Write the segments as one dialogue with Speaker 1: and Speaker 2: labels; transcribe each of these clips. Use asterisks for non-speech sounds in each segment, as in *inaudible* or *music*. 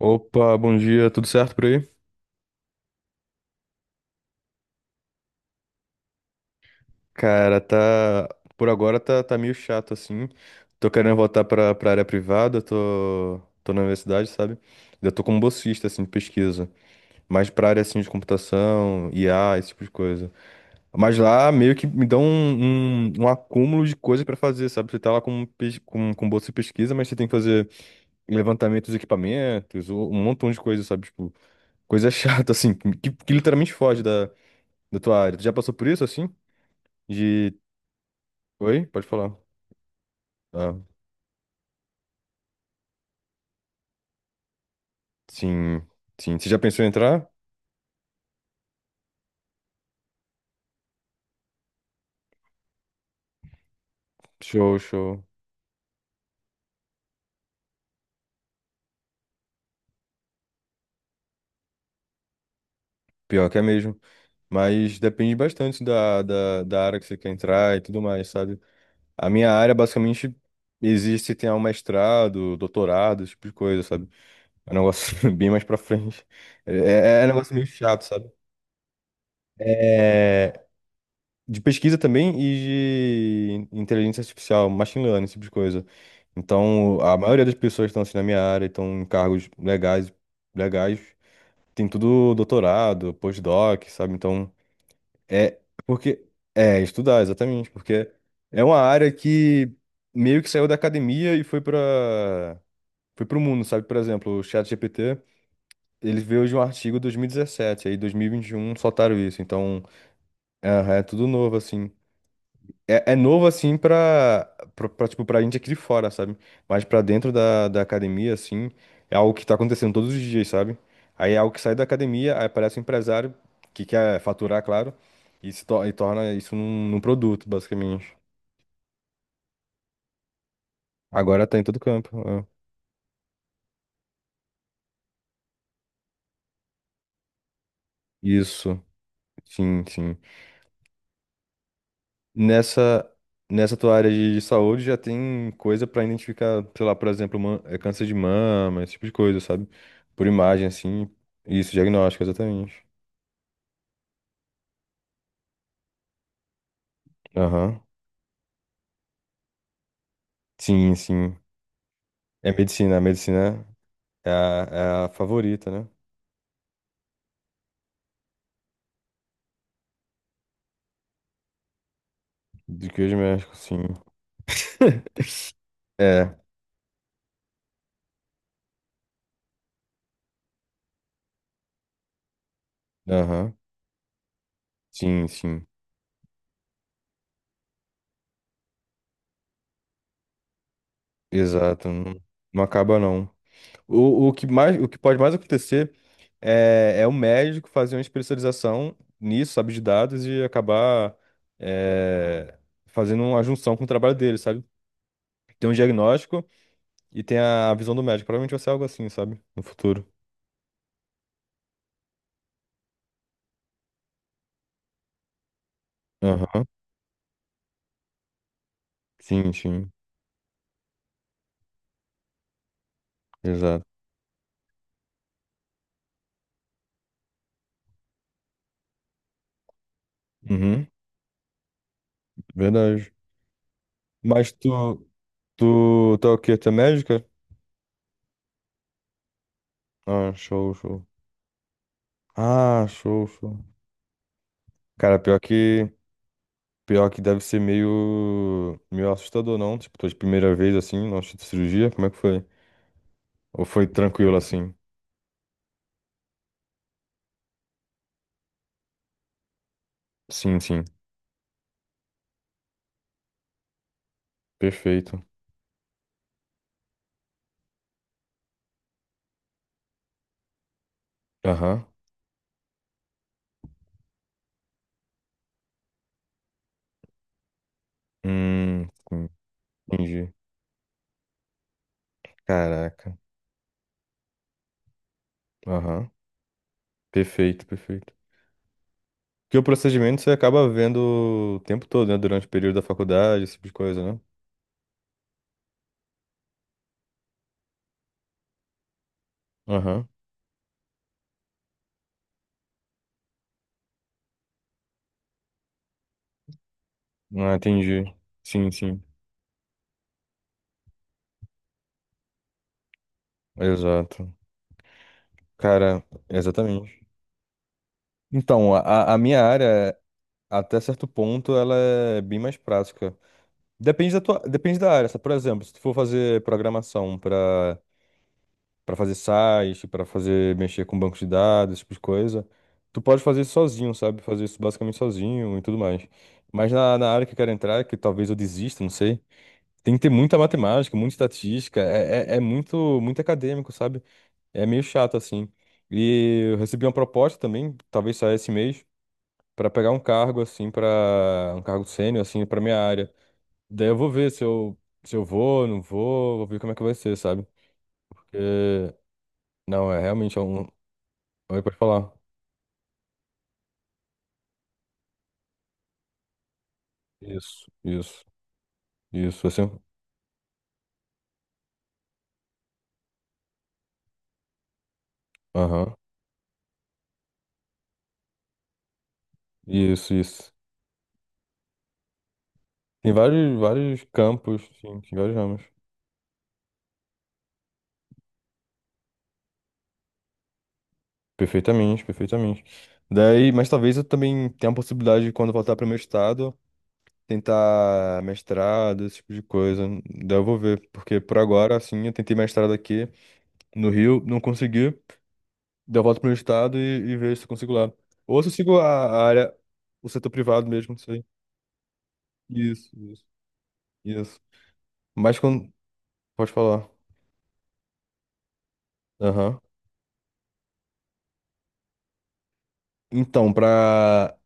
Speaker 1: Opa, bom dia, tudo certo por aí? Cara, tá. Por agora tá meio chato assim. Tô querendo voltar pra área privada, tô na universidade, sabe? Eu tô como bolsista, assim, de pesquisa. Mais pra área assim de computação, IA, esse tipo de coisa. Mas lá meio que me dão um acúmulo de coisa pra fazer, sabe? Você tá lá com bolsa de pesquisa, mas você tem que fazer levantamento dos equipamentos, um montão de coisa, sabe? Tipo, coisa *laughs* chata, assim, que literalmente foge da tua área. Tu já passou por isso assim? De. Oi? Pode falar. Ah, sim, sim. Você já pensou em entrar? Show, show. Pior que é mesmo. Mas depende bastante da área que você quer entrar e tudo mais, sabe? A minha área, basicamente, existe se tem um mestrado, doutorado, esse tipo de coisa, sabe? É um negócio *laughs* bem mais pra frente. É um negócio meio chato, sabe? É, de pesquisa também e de inteligência artificial, machine learning, esse tipo de coisa. Então, a maioria das pessoas que estão assim na minha área, estão em cargos legais, legais, tem tudo doutorado, postdoc, sabe? Então, é porque é estudar exatamente, porque é uma área que meio que saiu da academia e foi para foi para o mundo, sabe? Por exemplo, o ChatGPT, ele veio de um artigo 2017, aí 2021 soltaram isso. Então, é, é tudo novo assim. É novo assim pra, tipo, pra gente aqui de fora, sabe? Mas pra dentro da academia, assim, é algo que tá acontecendo todos os dias, sabe? Aí é algo que sai da academia, aí aparece um empresário que quer faturar, claro, e, se to- e torna isso num produto, basicamente. Agora tá em todo campo. É. Isso, sim, sim. Nessa, nessa tua área de saúde já tem coisa pra identificar, sei lá, por exemplo, é câncer de mama, esse tipo de coisa, sabe? Por imagem, assim. Isso, diagnóstico, exatamente. Aham. Sim, sim. É medicina. A medicina é a, é a favorita, né? De queijo médico, sim. *laughs* É. Aham. Sim, sim. Exato. Não, não acaba, não. O que mais, o que pode mais acontecer é o médico fazer uma especialização nisso, sabe, de dados e acabar é, fazendo uma junção com o trabalho dele, sabe? Tem um diagnóstico e tem a visão do médico. Provavelmente vai ser algo assim, sabe? No futuro. Aham. Sim, sim. Exato. Uhum. Verdade. Mas tu é o quê? Tu é médica? Ah, show, show. Ah, show, show. Cara, pior que deve ser meio assustador, não? Tipo, tua primeira vez assim, na de cirurgia, como é que foi? Ou foi tranquilo assim? Sim, sim. Perfeito. Aham. Sim, entendi. Caraca. Aham. Perfeito, perfeito. Porque o procedimento você acaba vendo o tempo todo, né? Durante o período da faculdade, esse tipo de coisa, né? Aham. Ah, entendi. Sim, sim. Exato. Cara, exatamente. Então, a minha área, até certo ponto, ela é bem mais prática. Depende da tua, depende da área, sabe? Por exemplo, se tu for fazer programação para fazer site, para fazer mexer com banco de dados, esse tipo de coisa, tu pode fazer isso sozinho, sabe? Fazer isso basicamente sozinho e tudo mais. Mas na área que eu quero entrar, que talvez eu desista, não sei, tem que ter muita matemática, muita estatística, é muito, muito acadêmico, sabe? É meio chato, assim. E eu recebi uma proposta também, talvez saia esse mês, pra pegar um cargo, assim, pra. Um cargo sênior, assim, pra minha área. Daí eu vou ver se eu, se eu vou, não vou, vou ver como é que vai ser, sabe? Porque. Não, é realmente um. Oi, pode falar. Isso, isso, isso, assim. Aham. Isso, isso. Tem vários, vários campos, sim, tem vários ramos. Perfeitamente, perfeitamente. Daí, mas talvez eu também tenha a possibilidade de quando voltar para o meu estado, tentar mestrado, esse tipo de coisa. Daí eu vou ver, porque por agora, assim, eu tentei mestrado aqui no Rio, não consegui. Daí eu volto pro meu estado e vejo se eu consigo lá. Ou se eu sigo a área, o setor privado mesmo, não sei. Isso, isso, isso. Mas quando. Pode falar. Aham. Então, pra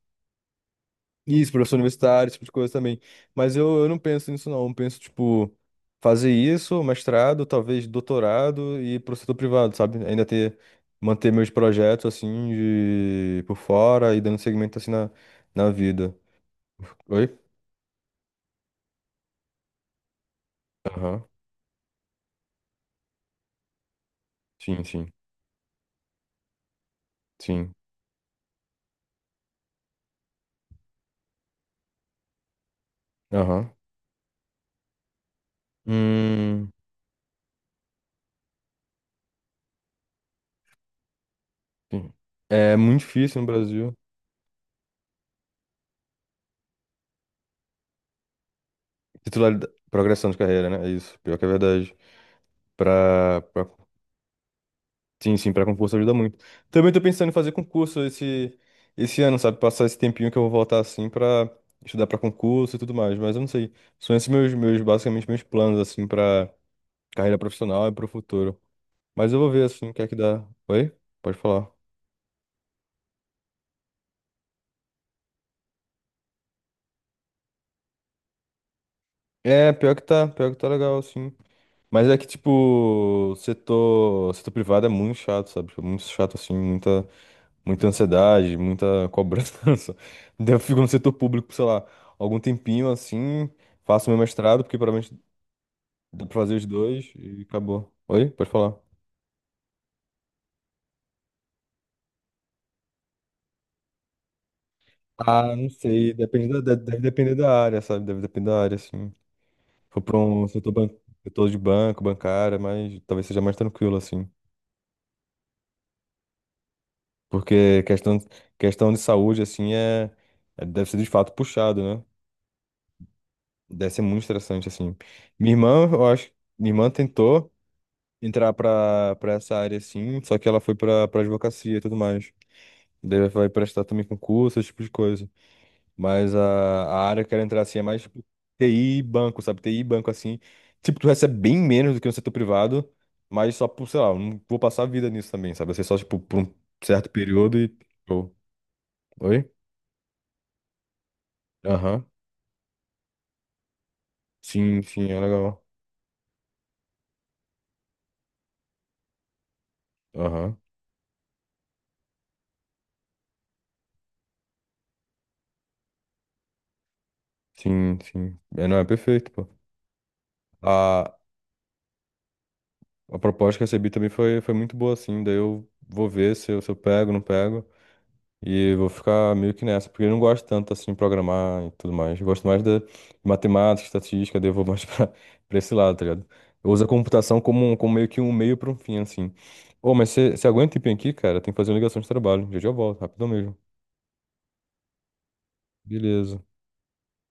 Speaker 1: Isso, professor universitário, esse tipo de coisa também. Mas eu não penso nisso, não. Eu penso, tipo, fazer isso, mestrado, talvez doutorado e pro setor privado, sabe? Ainda ter, manter meus projetos, assim, de, por fora e dando segmento, assim, na vida. Oi? Aham. Sim, sim, sim. Aham. Hum, sim. É muito difícil no Brasil. Titularidade, progressão de carreira, né? É isso. Pior que é verdade. Pra, pra Sim, sim, para concurso ajuda muito. Também tô pensando em fazer concurso esse ano, sabe? Passar esse tempinho que eu vou voltar assim pra estudar pra concurso e tudo mais, mas eu não sei. São esses meus basicamente meus planos assim pra carreira profissional e pro futuro. Mas eu vou ver assim o que é que dá. Oi? Pode falar. É, pior que tá legal assim. Mas é que tipo, setor privado é muito chato, sabe? Tipo, muito chato assim, muita ansiedade, muita cobrança. *laughs* Daí eu fico no setor público, por, sei lá, algum tempinho assim, faço meu mestrado, porque provavelmente dá pra fazer os dois e acabou. Oi? Pode falar. Ah, não sei, depende da, deve depender da área, sabe? Deve depender da área, assim. Se for pra um setor de banco, bancária, mas talvez seja mais tranquilo, assim. Porque questão de saúde, assim, deve ser de fato puxado, né? Deve ser muito estressante, assim. Minha irmã, eu acho, minha irmã tentou entrar pra essa área assim, só que ela foi pra advocacia e tudo mais. Daí ela vai prestar também concurso, esse tipo de coisa. Mas a área que eu quero entrar assim é mais tipo, TI e banco, sabe? TI e banco assim. Tipo, tu recebe bem menos do que no setor privado, mas só por, sei lá, eu não vou passar a vida nisso também, sabe? Vai ser só, tipo, por um certo período e. Oh, Oi? Aham. Sim, sim, é legal. Aham. Sim, sim. É, não, é perfeito, pô. A proposta que eu recebi também foi muito boa, assim. Daí eu vou ver se eu, se eu pego, não pego. E vou ficar meio que nessa, porque eu não gosto tanto, assim, de programar e tudo mais. Eu gosto mais da matemática, estatística, daí eu vou mais *laughs* pra esse lado, tá ligado? Eu uso a computação como meio que um meio pra um fim, assim. Ô, mas você aguenta um tempinho aqui, cara? Tem que fazer uma ligação de trabalho. Já já eu volto, rapidão mesmo. Beleza.